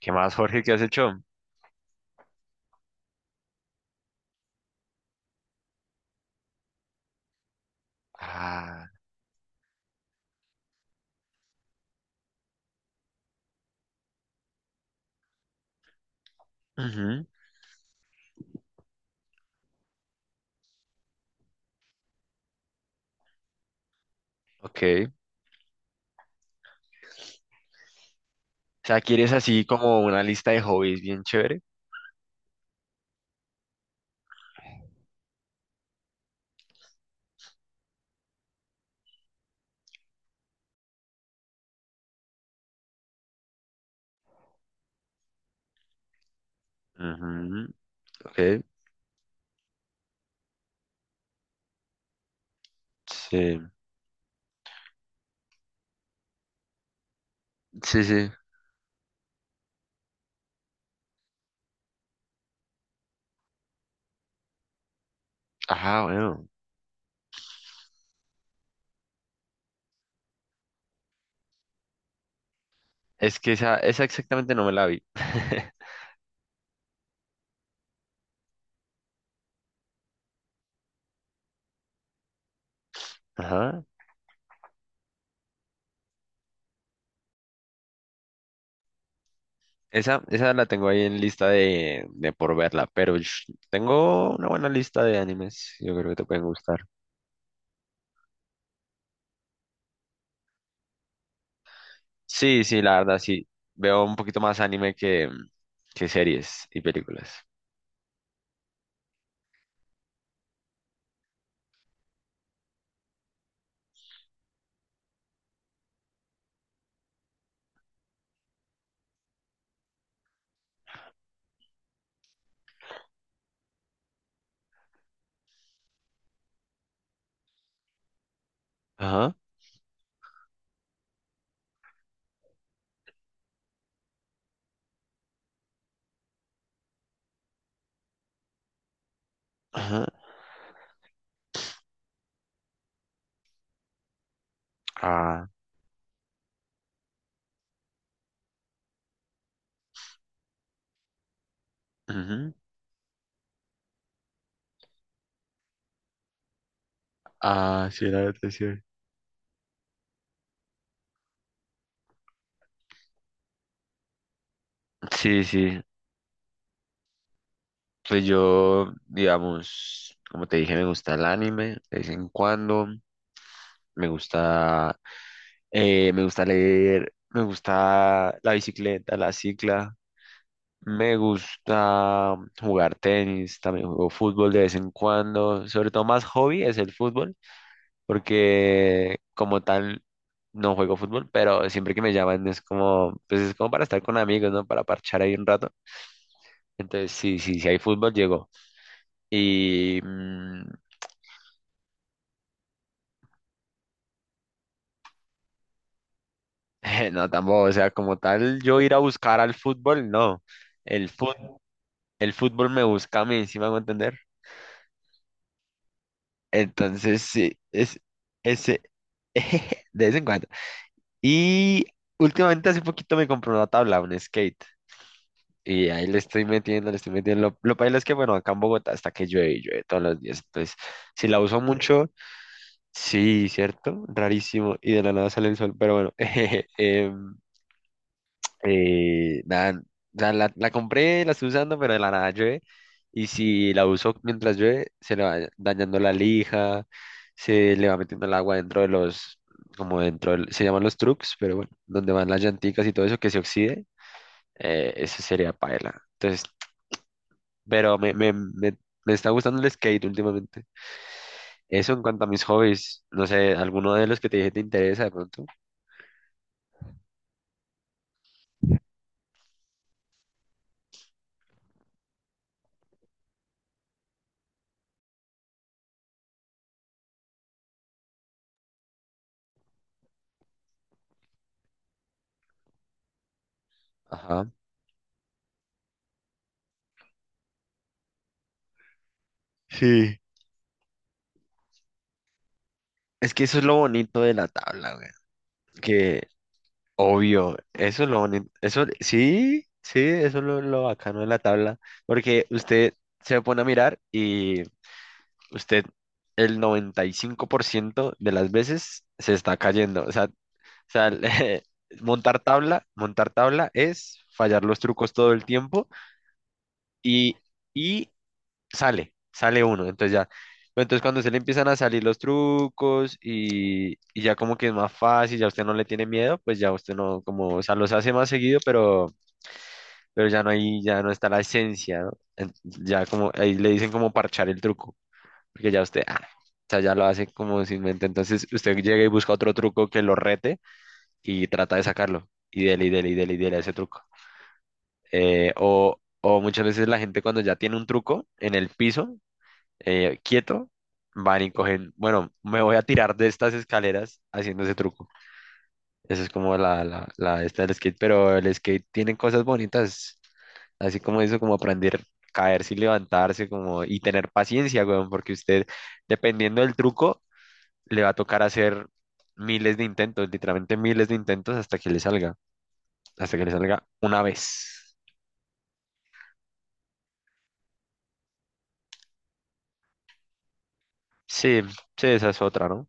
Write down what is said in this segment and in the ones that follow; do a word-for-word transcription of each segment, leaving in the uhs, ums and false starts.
¿Qué más, Jorge? ¿Qué has hecho? Ah, ujú, ok. O sea, ¿quieres así como una lista de hobbies bien chévere? Ujú, ok. Sí, sí, sí. Ajá, bueno. Es que esa, esa exactamente no me la vi. Ajá. Esa, esa la tengo ahí en lista de, de por verla, pero sh- tengo una buena lista de animes. Yo creo que te pueden gustar. Sí, sí, la verdad, sí. Veo un poquito más anime que, que series y películas. Ajá, ajá. Ah, ujú. Ah, sí, la depresión. Sí, sí, pues yo, digamos, como te dije, me gusta el anime de vez en cuando, me gusta, eh, me gusta leer, me gusta la bicicleta, la cicla, me gusta jugar tenis, también juego fútbol de vez en cuando, sobre todo más hobby es el fútbol, porque como tal no juego fútbol, pero siempre que me llaman es como, pues es como para estar con amigos, ¿no? Para parchar ahí un rato. Entonces, sí, sí, sí hay fútbol, llegó. Y mm, no, tampoco, o sea, como tal, yo ir a buscar al fútbol, no. El fut, el fútbol me busca a mí, ¿sí me hago entender? Entonces, sí, es ese, de vez en cuando. Y últimamente, hace poquito me compré una tabla, un skate. Y ahí le estoy metiendo, le estoy metiendo. Lo, lo paila es que, bueno, acá en Bogotá hasta que llueve, y llueve todos los días. Entonces, si la uso mucho, sí, ¿cierto? Rarísimo. Y de la nada sale el sol, pero bueno. em, Eh, nada, o sea, la, la compré, la estoy usando, pero de la nada llueve. Y si la uso mientras llueve, se le va dañando la lija, se le va metiendo el agua dentro de los, como dentro, del- se llaman los trucks, pero bueno, donde van las llanticas y todo eso que se oxide, eh, eso sería paela. Entonces, pero me, me, me, me está gustando el skate últimamente. Eso en cuanto a mis hobbies, no sé, alguno de los que te dije te interesa de pronto. Ajá. Sí. Es que eso es lo bonito de la tabla, güey. Que Obvio, eso es lo bonito, eso sí, sí, eso es lo, lo bacano de la tabla, porque usted se pone a mirar y usted el noventa y cinco por ciento de las veces se está cayendo, o sea, o sea, montar tabla, montar tabla es fallar los trucos todo el tiempo y, y sale, sale uno, entonces ya. Pero entonces cuando se le empiezan a salir los trucos y, y ya como que es más fácil, ya usted no le tiene miedo, pues ya usted no, como, o sea, los hace más seguido, pero, pero ya no hay, ya no está la esencia, ¿no? En- Ya como, ahí le dicen como parchar el truco, porque ya usted, ah, o sea, ya lo hace como sin mente, entonces usted llega y busca otro truco que lo rete y trata de sacarlo, y dele, y dele, y dele, y dele a ese truco. Eh, o, o muchas veces la gente cuando ya tiene un truco en el piso, eh, quieto, van y cogen, bueno, me voy a tirar de estas escaleras haciendo ese truco. Esa es como la, la, la esta del skate, pero el skate tiene cosas bonitas, así como eso, como aprender a caerse y levantarse, como, y tener paciencia, weón, porque usted, dependiendo del truco, le va a tocar hacer miles de intentos, literalmente miles de intentos hasta que le salga, hasta que le salga una vez. Sí, sí, esa es otra, ¿no?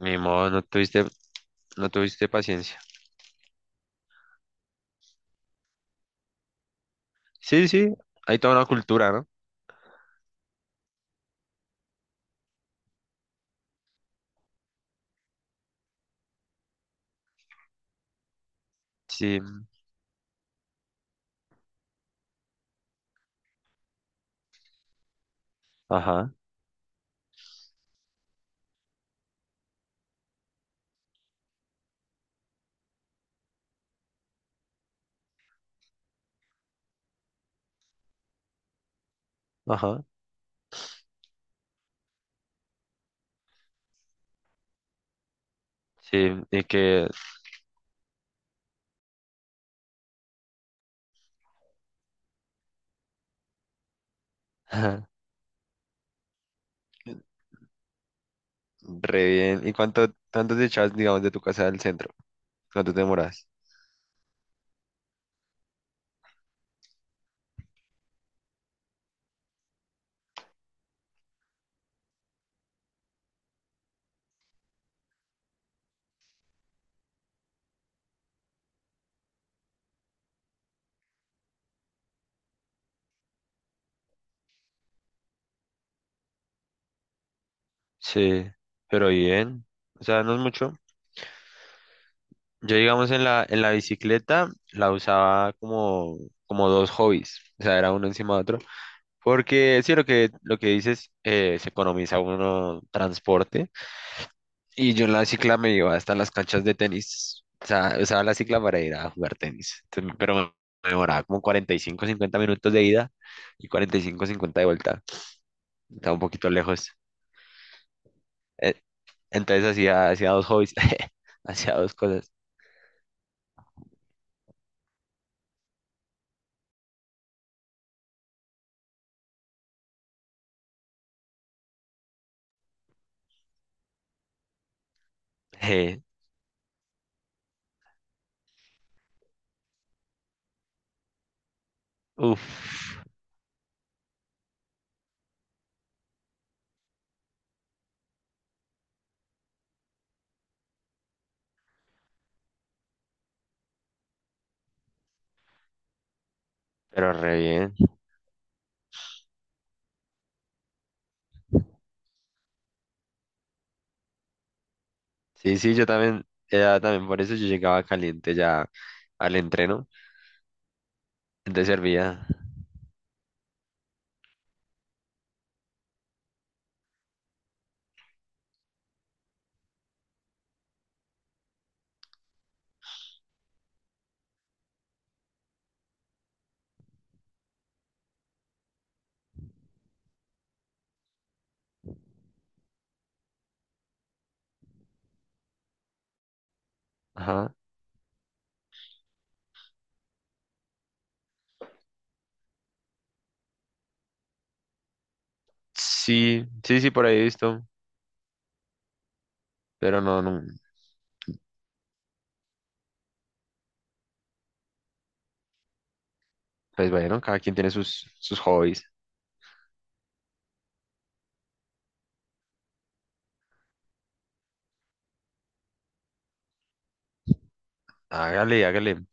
Ni modo, no tuviste, no tuviste paciencia. Sí, sí, hay toda una cultura, ¿no? Sí, ajá, ajá. Sí, y que Re bien. ¿Y cuánto, cuánto te echas, digamos, de tu casa al centro? ¿Cuánto te demoras? Sí, pero bien. O sea, no es mucho. Yo, digamos, en la, en la bicicleta la usaba como, como dos hobbies. O sea, era uno encima de otro. Porque sí, lo que, lo que dices, eh, se economiza uno transporte. Y yo en la cicla me iba hasta las canchas de tenis. O sea, usaba la cicla para ir a jugar tenis. Entonces, pero me me demoraba como cuarenta y cinco, cincuenta minutos de ida y cuarenta y cinco, cincuenta de vuelta. Estaba un poquito lejos. Eh, Entonces hacía, hacía dos hobbies, hacía dos cosas. Eh, uf, pero re bien. Sí, sí, yo también, ya también por eso yo llegaba caliente ya al entreno. Entonces servía. Ajá. Sí, sí, sí, por ahí he visto. Pero no, no. Pues bueno, cada quien tiene sus, sus hobbies. Hágale, hágale.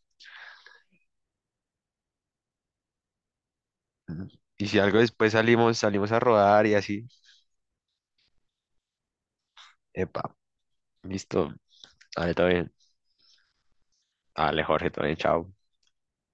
Y si algo después salimos, salimos a rodar y así. Epa, listo. Dale, todo bien. Dale, Jorge, todo bien, chao.